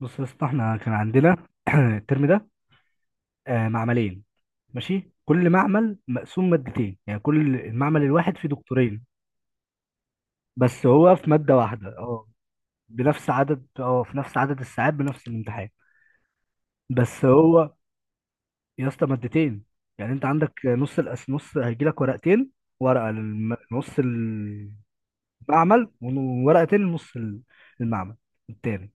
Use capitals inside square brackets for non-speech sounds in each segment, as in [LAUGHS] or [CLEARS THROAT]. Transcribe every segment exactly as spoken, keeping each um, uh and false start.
بص يا اسطى احنا كان عندنا [CLEARS THROAT] الترم ده، آه، معملين. ماشي، كل معمل مقسوم مادتين، يعني كل المعمل الواحد فيه دكتورين. بس هو في مادة واحدة. اه، بنفس عدد اه في نفس عدد الساعات، بنفس الامتحان. بس هو يا اسطى مادتين. يعني انت عندك نص الأس، نص هيجي لك ورقتين، ورقة للم- نص المعمل، وورقتين لنص ال- المعمل التاني.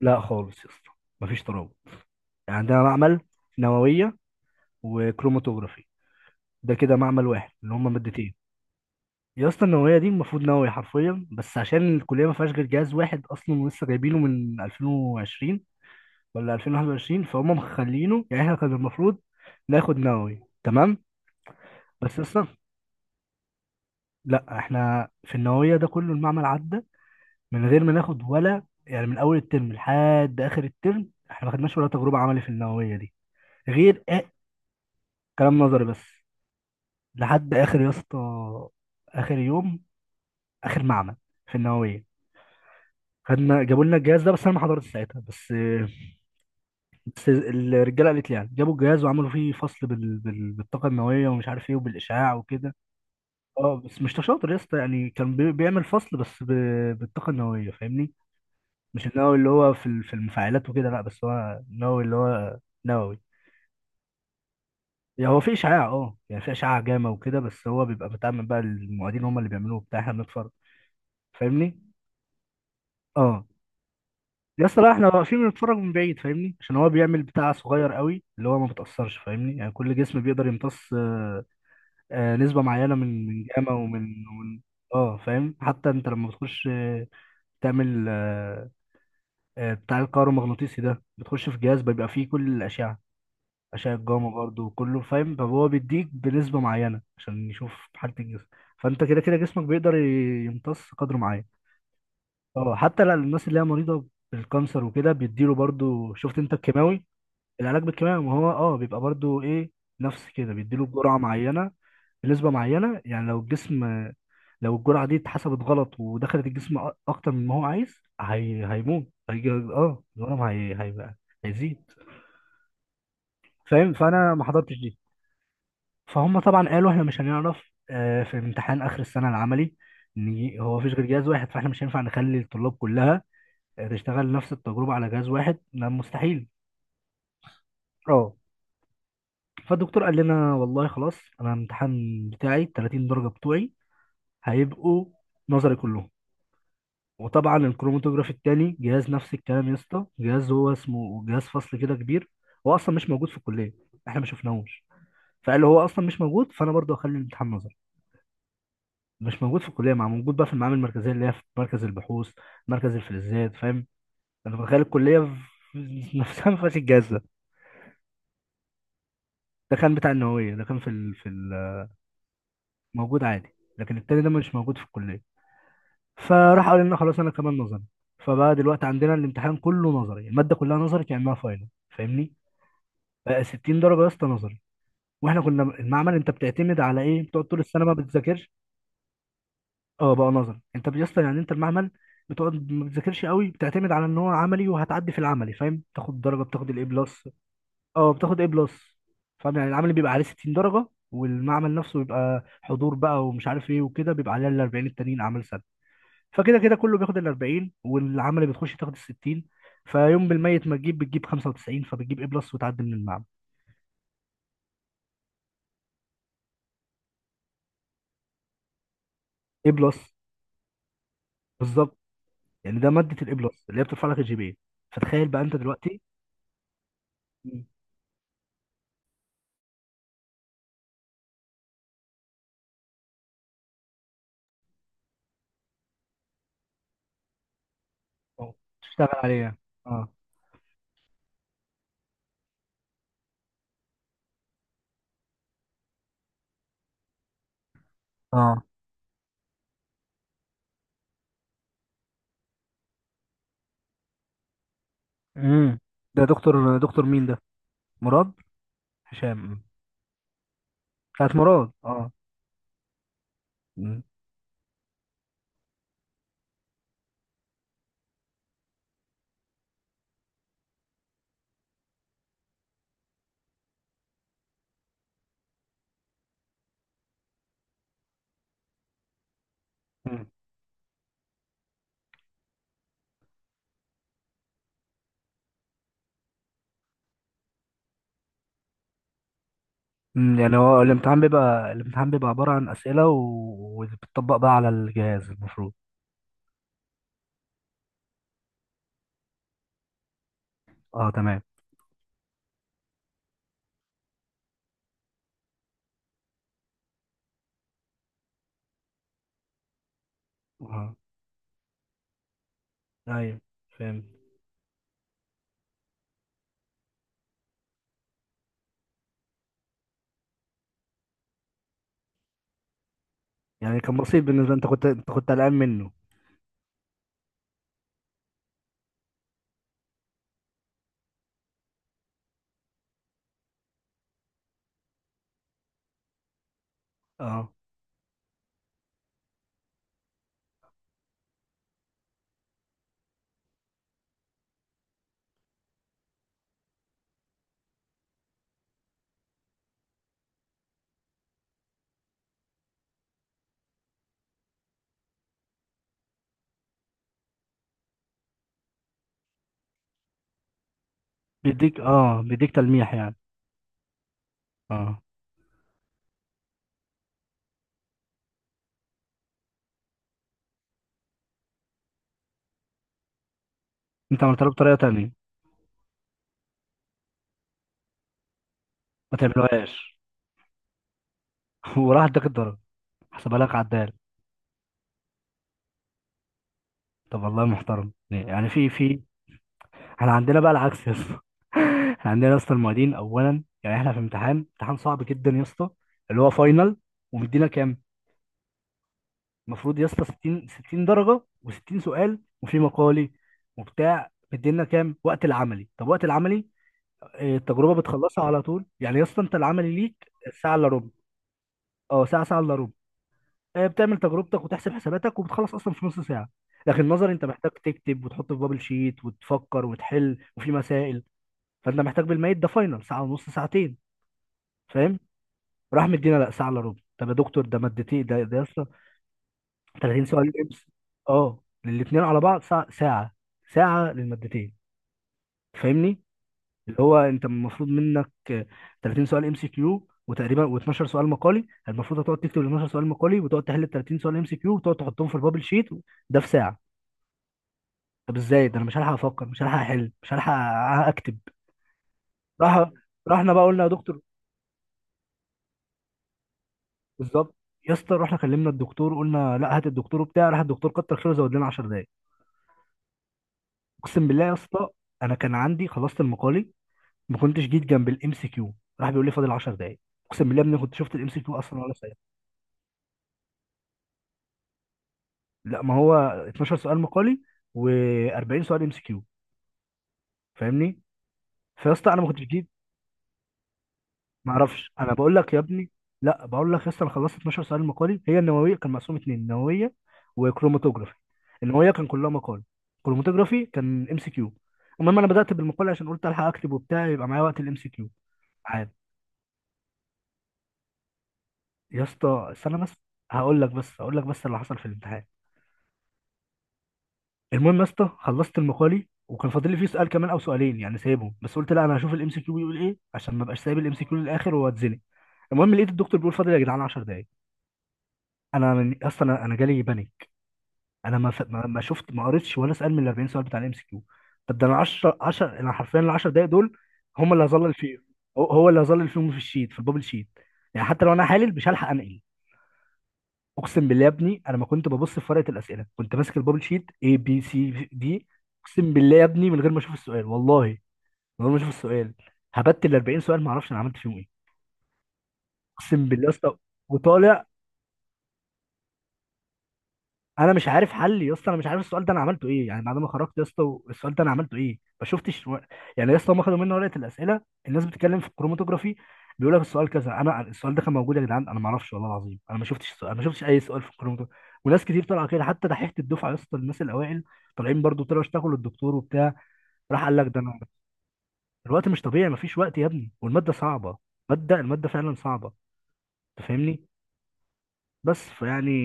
لا خالص يا اسطى، مفيش ترابط. يعني عندنا معمل نووية وكروماتوجرافي، ده كده معمل واحد اللي هما مادتين. يا اسطى النوويه دي المفروض نووي حرفيا، بس عشان الكليه ما فيهاش غير جهاز واحد اصلا، ولسه جايبينه من ألفين وعشرين ولا ألفين وواحد وعشرين، فهم مخلينه. يعني احنا كان المفروض ناخد نووي تمام، بس اصلا لا، احنا في النوويه ده كله المعمل عدى من غير ما ناخد ولا، يعني من اول الترم لحد اخر الترم احنا ما خدناش ولا تجربه عملي في النوويه دي، غير آه كلام نظري بس. لحد اخر يا اسطى، اخر يوم، اخر معمل في النوويه، خدنا، جابوا لنا الجهاز ده، بس انا ما حضرتش ساعتها. بس بس الرجاله قالت لي يعني جابوا الجهاز وعملوا فيه فصل بال... بال... بالطاقه النوويه، ومش عارف ايه، وبالاشعاع وكده. اه بس مش شاطر يا اسطى، يعني كان بي... بيعمل فصل بس ب... بالطاقه النوويه، فاهمني؟ مش النووي اللي هو في ال- في المفاعلات وكده، لا، بس هو النووي اللي هو نووي. يعني هو في اشعاع، اه، يعني في اشعاع جاما وكده، بس هو بيبقى بتعمل بقى، المعيدين هم اللي بيعملوه بتاع، احنا بنتفرج، فاهمني؟ اه يا اسطى، لا احنا واقفين بنتفرج من بعيد فاهمني، عشان هو بيعمل بتاع صغير قوي اللي هو ما بتأثرش، فاهمني؟ يعني كل جسم بيقدر يمتص آه، آه، نسبة معينة من من جاما ومن ومن. اه فاهم، حتى انت لما بتخش آه، تعمل آه، آه، بتاع الكهرومغناطيسي ده، بتخش في جهاز بيبقى فيه كل الأشعة، أشعة جاما برضه وكله، فاهم؟ فهو بيديك بنسبة معينة عشان يشوف حالة الجسم. فانت كده كده جسمك بيقدر ي- يمتص قدر معين. اه حتى للناس اللي هي مريضة بالكانسر وكده بيديله برضه، شفت انت الكيماوي، العلاج بالكيماوي؟ ما هو اه بيبقى برضو ايه، نفس كده بيديله بجرعه معينه بنسبه معينه. يعني لو الجسم، لو الجرعه دي اتحسبت غلط ودخلت الجسم أ- اكتر من ما هو عايز، هي... هيموت، هيجي اه الورم هي... هيبقى هيزيد، فاهم؟ فانا ما حضرتش دي، فهم، طبعا قالوا احنا مش هنعرف. آه، في امتحان اخر السنه العملي، ان هو مفيش غير جهاز واحد، فاحنا مش هينفع نخلي الطلاب كلها آه، تشتغل نفس التجربه على جهاز واحد، لا مستحيل. اه فالدكتور قال لنا والله خلاص انا الامتحان بتاعي ال ثلاثين درجه بتوعي هيبقوا نظري كلهم. وطبعا الكروماتوجراف التاني جهاز نفس الكلام يا اسطى، جهاز هو اسمه جهاز فصل كده كبير، هو اصلا مش موجود في الكليه، احنا ما شفناهوش. فقال له هو اصلا مش موجود، فانا برضه هخلي الامتحان نظري. مش موجود في الكليه، مع موجود بقى في المعامل المركزيه اللي هي في مركز البحوث، مركز الفلزات، فاهم؟ انا متخيل الكليه في- [LAUGHS] نفسها ما فيهاش الجهاز ده. ده كان بتاع النوويه، ده كان في ال... في ال... موجود عادي، لكن التاني ده مش موجود في الكليه. فراح قال لنا خلاص انا كمان نظري. فبقى دلوقتي عندنا الامتحان كله نظري، الماده كلها نظري كانها فاينل، فاهمني؟ بقى ستين درجه يا اسطى نظري. واحنا كنا المعمل انت بتعتمد على ايه؟ بتقعد طول السنه ما بتذاكرش. اه بقى نظري انت يا اسطى، يعني انت المعمل بتقعد ما بتذاكرش قوي، بتعتمد على ان هو عملي وهتعدي في العملي، فاهم؟ تاخد درجه، بتاخد الاي بلس. اه بتاخد اي بلس. فاهم؟ يعني العملي بيبقى عليه ستين درجه، والمعمل نفسه بيبقى حضور بقى ومش عارف ايه وكده، بيبقى عليه ال اربعين التانيين اعمال سنه. فكده كده كله بياخد ال اربعين، والعملي بتخش تاخد ال ستين. فيوم بالميت ما تجيب بتجيب خمسه وتسعين، فبتجيب اي بلس وتعدي من المعمل. اي بلس بالظبط، يعني ده ماده الاي بلس اللي هي بترفع لك الجي بي. فتخيل بقى انت دلوقتي. مم. أه. تشتغل عليها. اه اه. امم. ده دكتور، دكتور مين ده؟ مراد؟ هشام. مم. بتاعت مراد. اه. مم. مم. مم. يعني هو الامتحان بيبقى، الامتحان بيبقى عباره عن اسئله و... وبتطبق بقى على الجهاز المفروض. اه تمام. اه. ايوه فهمت. يعني كان بسيط بالنسبة، انت كنت انت كنت قلقان منه؟ اه بيديك اه بيديك تلميح يعني. اه انت عملت له بطريقة تانية؟ ما تعملوهاش [LAUGHS] وراح اداك الضرب، حسبها لك عدال. طب والله محترم، يعني في في. احنا عندنا بقى العكس يا اسطى. [LAUGHS] احنا عندنا يا اسطى المعيدين اولا، يعني احنا في امتحان، امتحان صعب جدا يا اسطى، اللي هو فاينل، ومدينا كام؟ المفروض يا اسطى ستين ستين درجة، و60 سؤال، وفي مقالي وبتاع، مدينا كام وقت العملي؟ طب وقت العملي إيه، التجربه بتخلصها على طول، يعني يا اسطى انت العملي ليك ساعه الا ربع. اه ساعه ساعه الا ربع. إيه، بتعمل تجربتك وتحسب حساباتك، وبتخلص اصلا في نص ساعه. لكن نظري انت محتاج تكتب وتحط في بابل شيت، وتفكر وتحل وفي مسائل، فانت محتاج بالميت ده فاينل ساعه ونص، ساعتين، فاهم؟ راح مدينا لا ساعه الا ربع، طب يا دكتور ده مادتين، ده ده يا اسطى ثلاثين سؤال امس، اه الاثنين على بعض ساعه، ساعه، ساعه للمادتين، فاهمني؟ اللي هو انت المفروض منك ثلاثين سؤال ام سي كيو، وتقريبا و12 سؤال مقالي، المفروض هتقعد تكتب ال اتناشر سؤال مقالي، وتقعد تحل ال ثلاثين سؤال ام سي كيو، وتقعد تحطهم في البابل شيت، ده في ساعه؟ طب ازاي ده؟ انا مش هلحق افكر، مش هلحق احل، مش هلحق اكتب. راح رحنا بقى قلنا يا دكتور، بالظبط يا اسطى، رحنا كلمنا الدكتور قلنا لا هات الدكتور وبتاع، راح الدكتور كتر خيره زود لنا عشر دقايق. اقسم بالله يا اسطى انا كان عندي، خلصت المقالي، ما كنتش جيت جنب الام سي كيو، راح بيقول لي فاضل عشر دقايق. اقسم بالله يا ابني كنت شفت الام سي كيو اصلا ولا؟ لا، ما هو اتناشر سؤال مقالي و40 سؤال ام سي كيو، فاهمني؟ فيا اسطى انا ما كنتش بجيب. ما اعرفش انا بقول لك يا ابني، لا بقول لك يا اسطى، انا خلصت اثنا عشر سؤال مقالي. هي النوويه كان مقسوم اتنين، نوويه وكروماتوجرافي. النوويه كان كلها مقال، كروماتوجرافي كان ام سي كيو. المهم انا بدات بالمقال عشان قلت الحق اكتب وبتاع يبقى معايا وقت الام سي كيو. عادي يا اسطى استنى بس، هقول لك بس هقول لك بس اللي حصل في الامتحان. المهم يا اسطى خلصت المقالي، وكان فاضل لي فيه سؤال كمان او سؤالين يعني سايبهم، بس قلت لا انا هشوف الام سي كيو بيقول ايه، عشان ما ابقاش سايب الام سي كيو للاخر واتزنق. المهم لقيت الدكتور بيقول فاضل يا جدعان عشر دقايق. انا من اصلا، انا أنا جالي بانيك. انا ما ف... ما ما شفت، ما قريتش ولا سؤال من ال اربعين سؤال بتاع الام سي كيو. طب ده انا عشرة عشرة انا حرفيا ال عشر دقايق دول هم اللي هظلل فيهم، هو هو اللي هظلل فيهم في الشيت، في البابل شيت. يعني حتى لو انا حالل مش هلحق انقل، اقسم بالله يا ابني انا ما كنت ببص في ورقه الاسئله، كنت ماسك البابل شيت اي بي سي دي، اقسم بالله يا ابني من غير ما اشوف السؤال، والله من غير ما اشوف السؤال، هبت ال اربعين سؤال، ما اعرفش انا عملت فيهم ايه. اقسم بالله يا اسطى وطالع، انا مش عارف حل يا اسطى، انا مش عارف السؤال ده انا عملته ايه. يعني بعد ما خرجت يا اسطى، السؤال ده انا عملته ايه؟ ما شفتش و... يعني يا اسطى هم خدوا مني ورقه الاسئله، الناس بتتكلم في الكروماتوجرافي، بيقول لك السؤال كذا، انا السؤال ده كان موجود يا جدعان؟ انا ما اعرفش والله العظيم، انا ما شفتش السؤال، ما شفتش اي سؤال في الكروماتوجرافي. وناس كتير طالعه كده، حتى دحيحه الدفعه يا اسطى، الناس الاوائل طالعين برضو، طلعوا اشتغلوا الدكتور وبتاع، راح قال لك ده انا الوقت مش طبيعي، ما فيش وقت يا ابني والماده صعبه. ماده الماده فعلا صعبه، انت فاهمني؟ بس فيعني،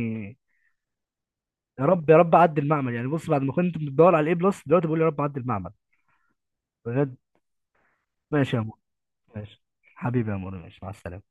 يا رب يا رب عدي المعمل، يعني بص بعد ما كنت بتدور على الاي بلس دلوقتي بقول يا رب عدي المعمل. بجد ماشي يا مور، ماشي حبيبي يا مور، ماشي مع السلامه.